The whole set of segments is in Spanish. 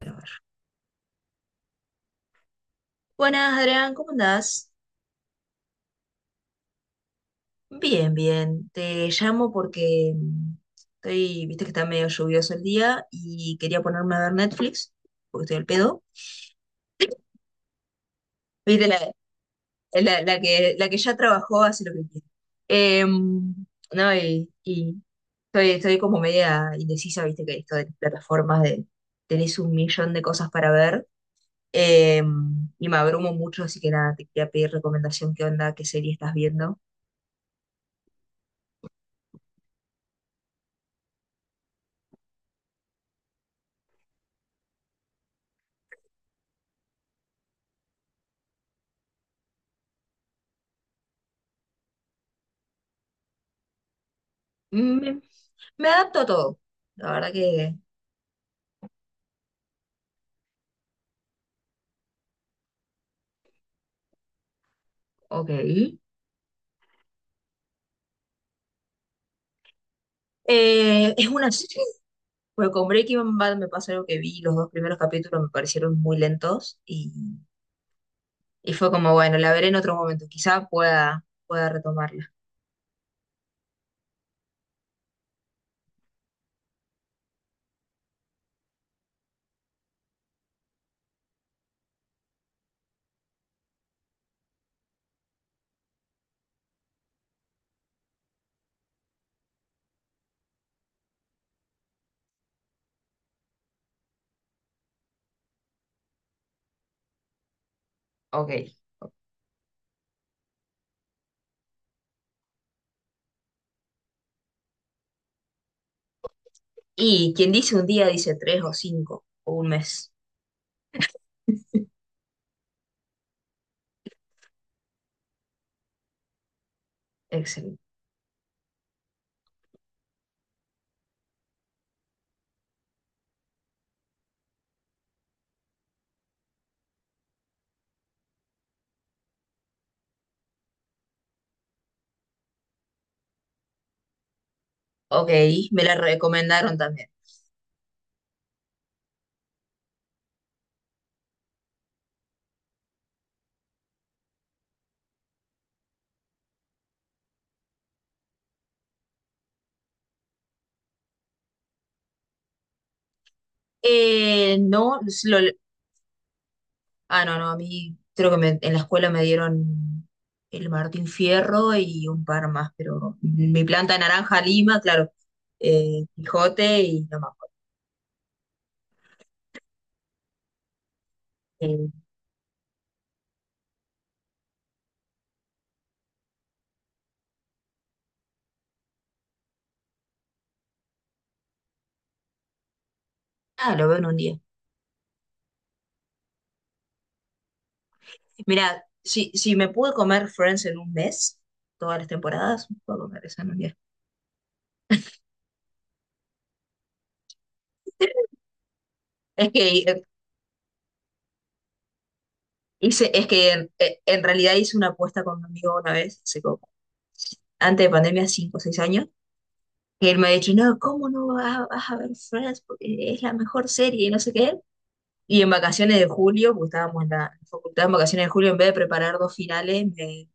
A ver. Buenas, Adrián, ¿cómo andás? Bien, bien. Te llamo porque estoy, viste que está medio lluvioso el día y quería ponerme a ver Netflix, porque estoy al pedo. Viste, la que ya trabajó hace lo que quiere. Em, no, y estoy, estoy como media indecisa, viste que esto de las plataformas de tenés un millón de cosas para ver. em, y me abrumo mucho, así que nada, te quería pedir recomendación, qué onda, qué serie estás viendo. Me adapto a todo. La verdad que, ok. Es una serie. Pues con Breaking Bad me pasó algo que vi, los dos primeros capítulos me parecieron muy lentos, y fue como, bueno, la veré en otro momento, quizá pueda retomarla. Ok. Y quien dice un día dice tres o cinco o un mes. Excelente. Ok, me la recomendaron también. Eh, no, lo, Ah, no, no, a mí creo que en la escuela me dieron el Martín Fierro y un par más, pero mi planta de naranja Lima, claro, Quijote y no más. Ah, lo veo en un día. Mira, si me pude comer Friends en un mes, todas las temporadas, puedo comer esa en un día. Es que Hice, es que en realidad hice una apuesta con un amigo una vez, antes de pandemia, 5 o 6 años, que él me ha dicho, no, ¿cómo no vas, vas a ver Friends? Porque es la mejor serie y no sé qué. Y en vacaciones de julio, porque estábamos en la facultad en vacaciones de julio, en vez de preparar dos finales, me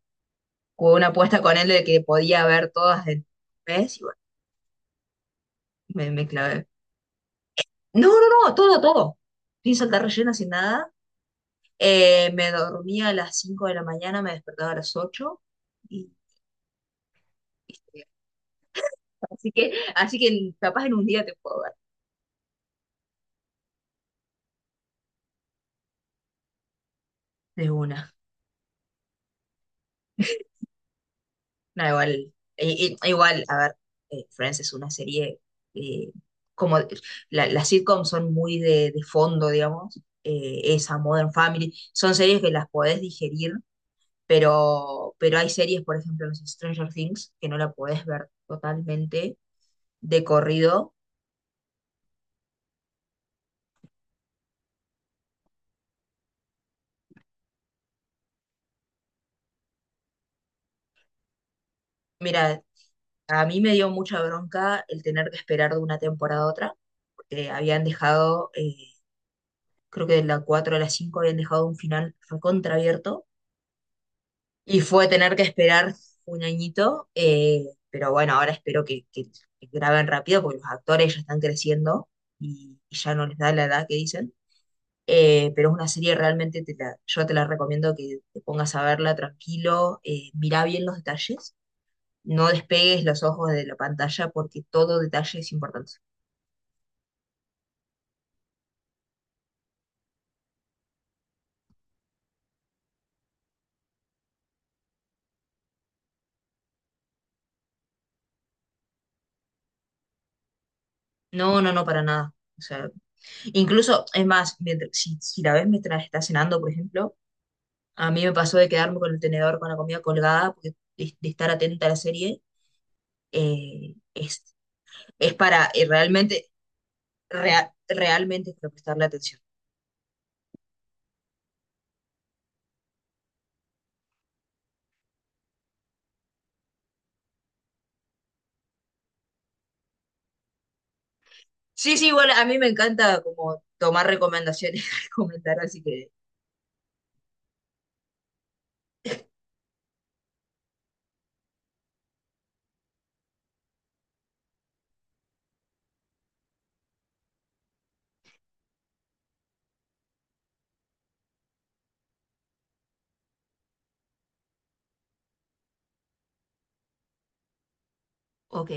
jugué una apuesta con él de que podía ver todas del mes y bueno, me clavé. No, no, no, todo, todo. Sin saltar relleno, sin nada. Me dormía a las 5 de la mañana, me despertaba a las 8 y, y estudiaba. Así que, así que capaz en un día te puedo ver de una. No, igual, igual, a ver, Friends es una serie, eh, como las sitcoms son muy de fondo, digamos, esa Modern Family, son series que las podés digerir, pero hay series, por ejemplo, no sé, Stranger Things, que no la podés ver totalmente de corrido. Mira, a mí me dio mucha bronca el tener que esperar de una temporada a otra, porque habían dejado, creo que de la 4 a la 5 habían dejado un final recontraabierto. Y fue tener que esperar un añito, pero bueno, ahora espero que graben rápido porque los actores ya están creciendo y ya no les da la edad que dicen. Pero es una serie realmente, yo te la recomiendo que te pongas a verla tranquilo, mirá bien los detalles, no despegues los ojos de la pantalla porque todo detalle es importante. No, no, no, para nada. O sea, incluso, es más, mientras, si la ves mientras estás cenando, por ejemplo. A mí me pasó de quedarme con el tenedor con la comida colgada, porque de estar atenta a la serie, eh, es, es para realmente, realmente es para prestarle atención. Sí, sí, igual a mí me encanta como tomar recomendaciones, comentar así que, ok.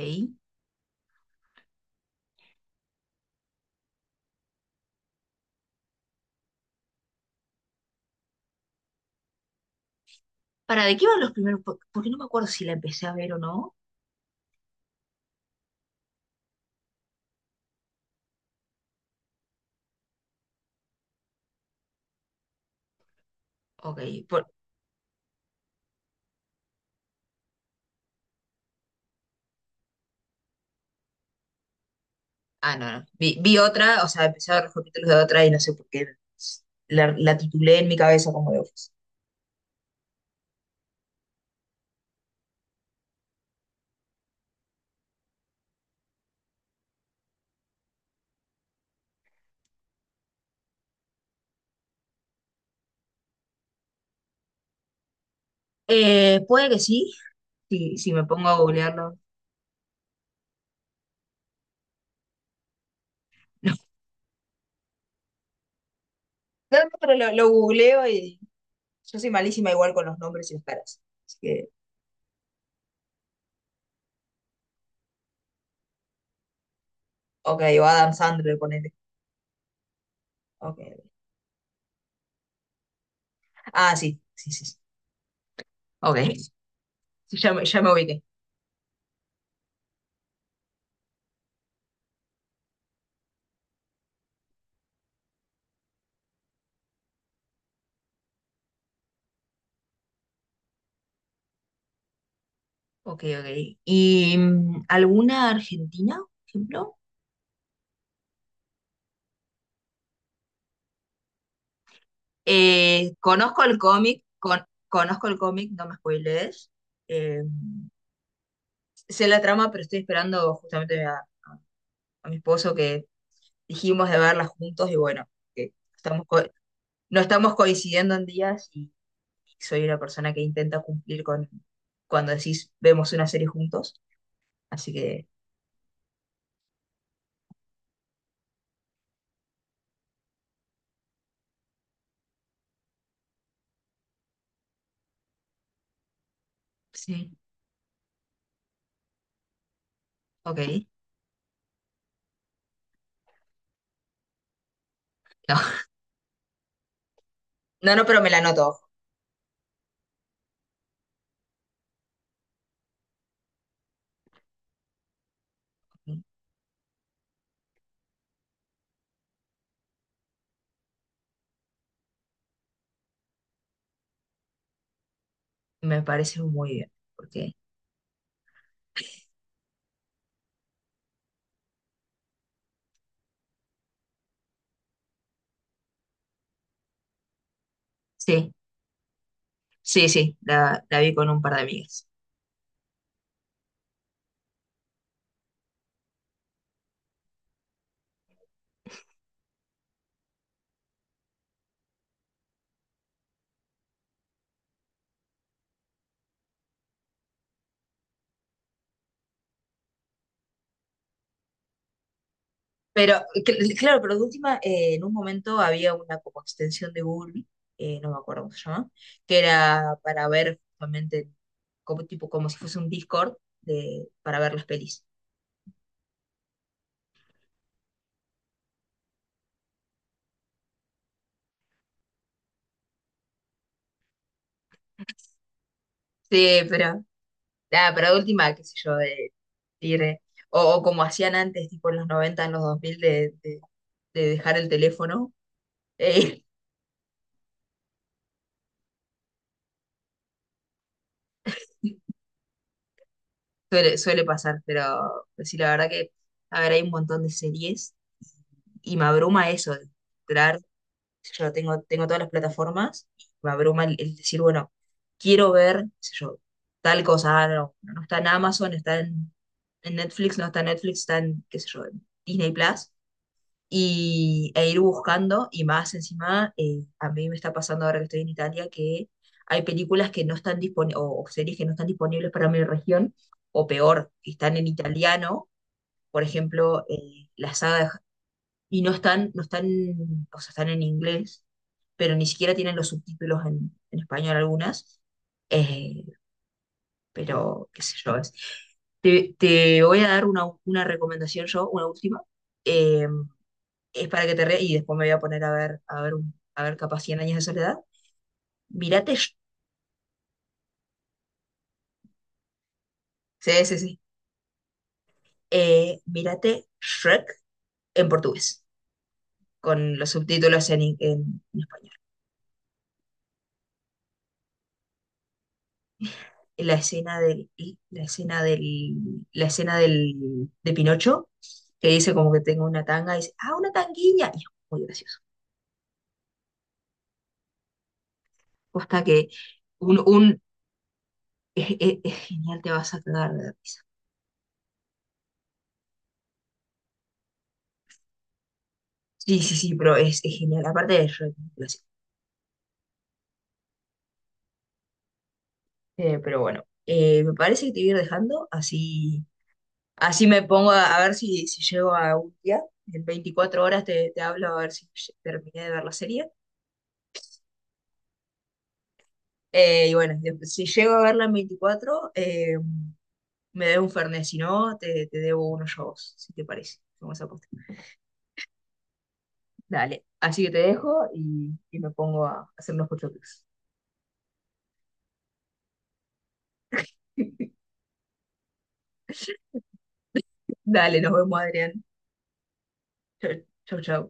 ¿Para de qué van los primeros? Porque no me acuerdo si la empecé a ver o no. Ok, por- ah, no, no. Vi, vi otra, o sea, empecé a ver los capítulos de otra y no sé por qué. La titulé en mi cabeza como de Office. Puede que sí, si me pongo a googlearlo. No, no, pero lo googleo y yo soy malísima igual con los nombres y las caras. Así que, ok, o Adam Sandler, ponele. Ok. Ah, sí, sí, sí. Sí. Ok, sí, ya, ya me ubiqué. Ok, ok. ¿Y alguna argentina, por ejemplo? Conozco el cómic, conozco el cómic, no me spoilees. Eh, sé la trama, pero estoy esperando justamente a mi esposo que dijimos de verla juntos y bueno, que no estamos coincidiendo en días. Soy una persona que intenta cumplir con cuando decís vemos una serie juntos, así que sí, ok. No, no, no, pero me la noto. Me parece muy bien, porque sí, sí, sí, la vi con un par de amigas. Pero claro, pero de última, en un momento había una como extensión de Google, no me acuerdo cómo se llama, que era para ver justamente como tipo como si fuese un Discord de, para ver las pelis. Sí, pero ah, pero de última, qué sé yo, de ir, o como hacían antes, tipo en los 90 en los 2000, de dejar el teléfono, eh, suele, suele pasar, pero sí, la verdad que, a ver, hay un montón de series y me abruma eso, de entrar, qué sé yo tengo, tengo todas las plataformas, y me abruma el decir, bueno, quiero ver, qué sé yo, tal cosa, ah, no, no está en Amazon, está en Netflix, no está en Netflix, está en, qué sé yo, en Disney Plus y, e ir buscando, y más encima, a mí me está pasando ahora que estoy en Italia, que hay películas que no están disponibles, o series que no están disponibles para mi región, o peor, están en italiano, por ejemplo, la saga, y no están, no están, o sea, están en inglés, pero ni siquiera tienen los subtítulos en español algunas, eh, pero qué sé yo, te, te voy a dar una recomendación yo, una última. Eh, es para que te rías, y después me voy a poner a ver, a ver, a ver capaz cien años de soledad. Mírate, sí, sí, sí. Mírate Shrek en portugués, con los subtítulos en español. La escena del, la escena la escena del, de Pinocho, que dice como que tengo una tanga, y dice, ah, una tanguilla, y es muy gracioso. Hasta que un, un es genial, te vas a cagar de la risa. Sí, sí, sí, pero es genial. Aparte de Shrek, eh, pero bueno, me parece que te voy a ir dejando, así, así me pongo a ver si llego a un día. En 24 horas te, te hablo a ver si terminé de ver la serie. Y bueno, si llego a verla en 24 me debo un Fernet, si no, te debo unos yo a vos, si te parece. Vamos a apostar. Dale, así que te dejo y me pongo a hacer unos pochoclos. Dale, nos vemos, Adrián. Chau, chau. Chau.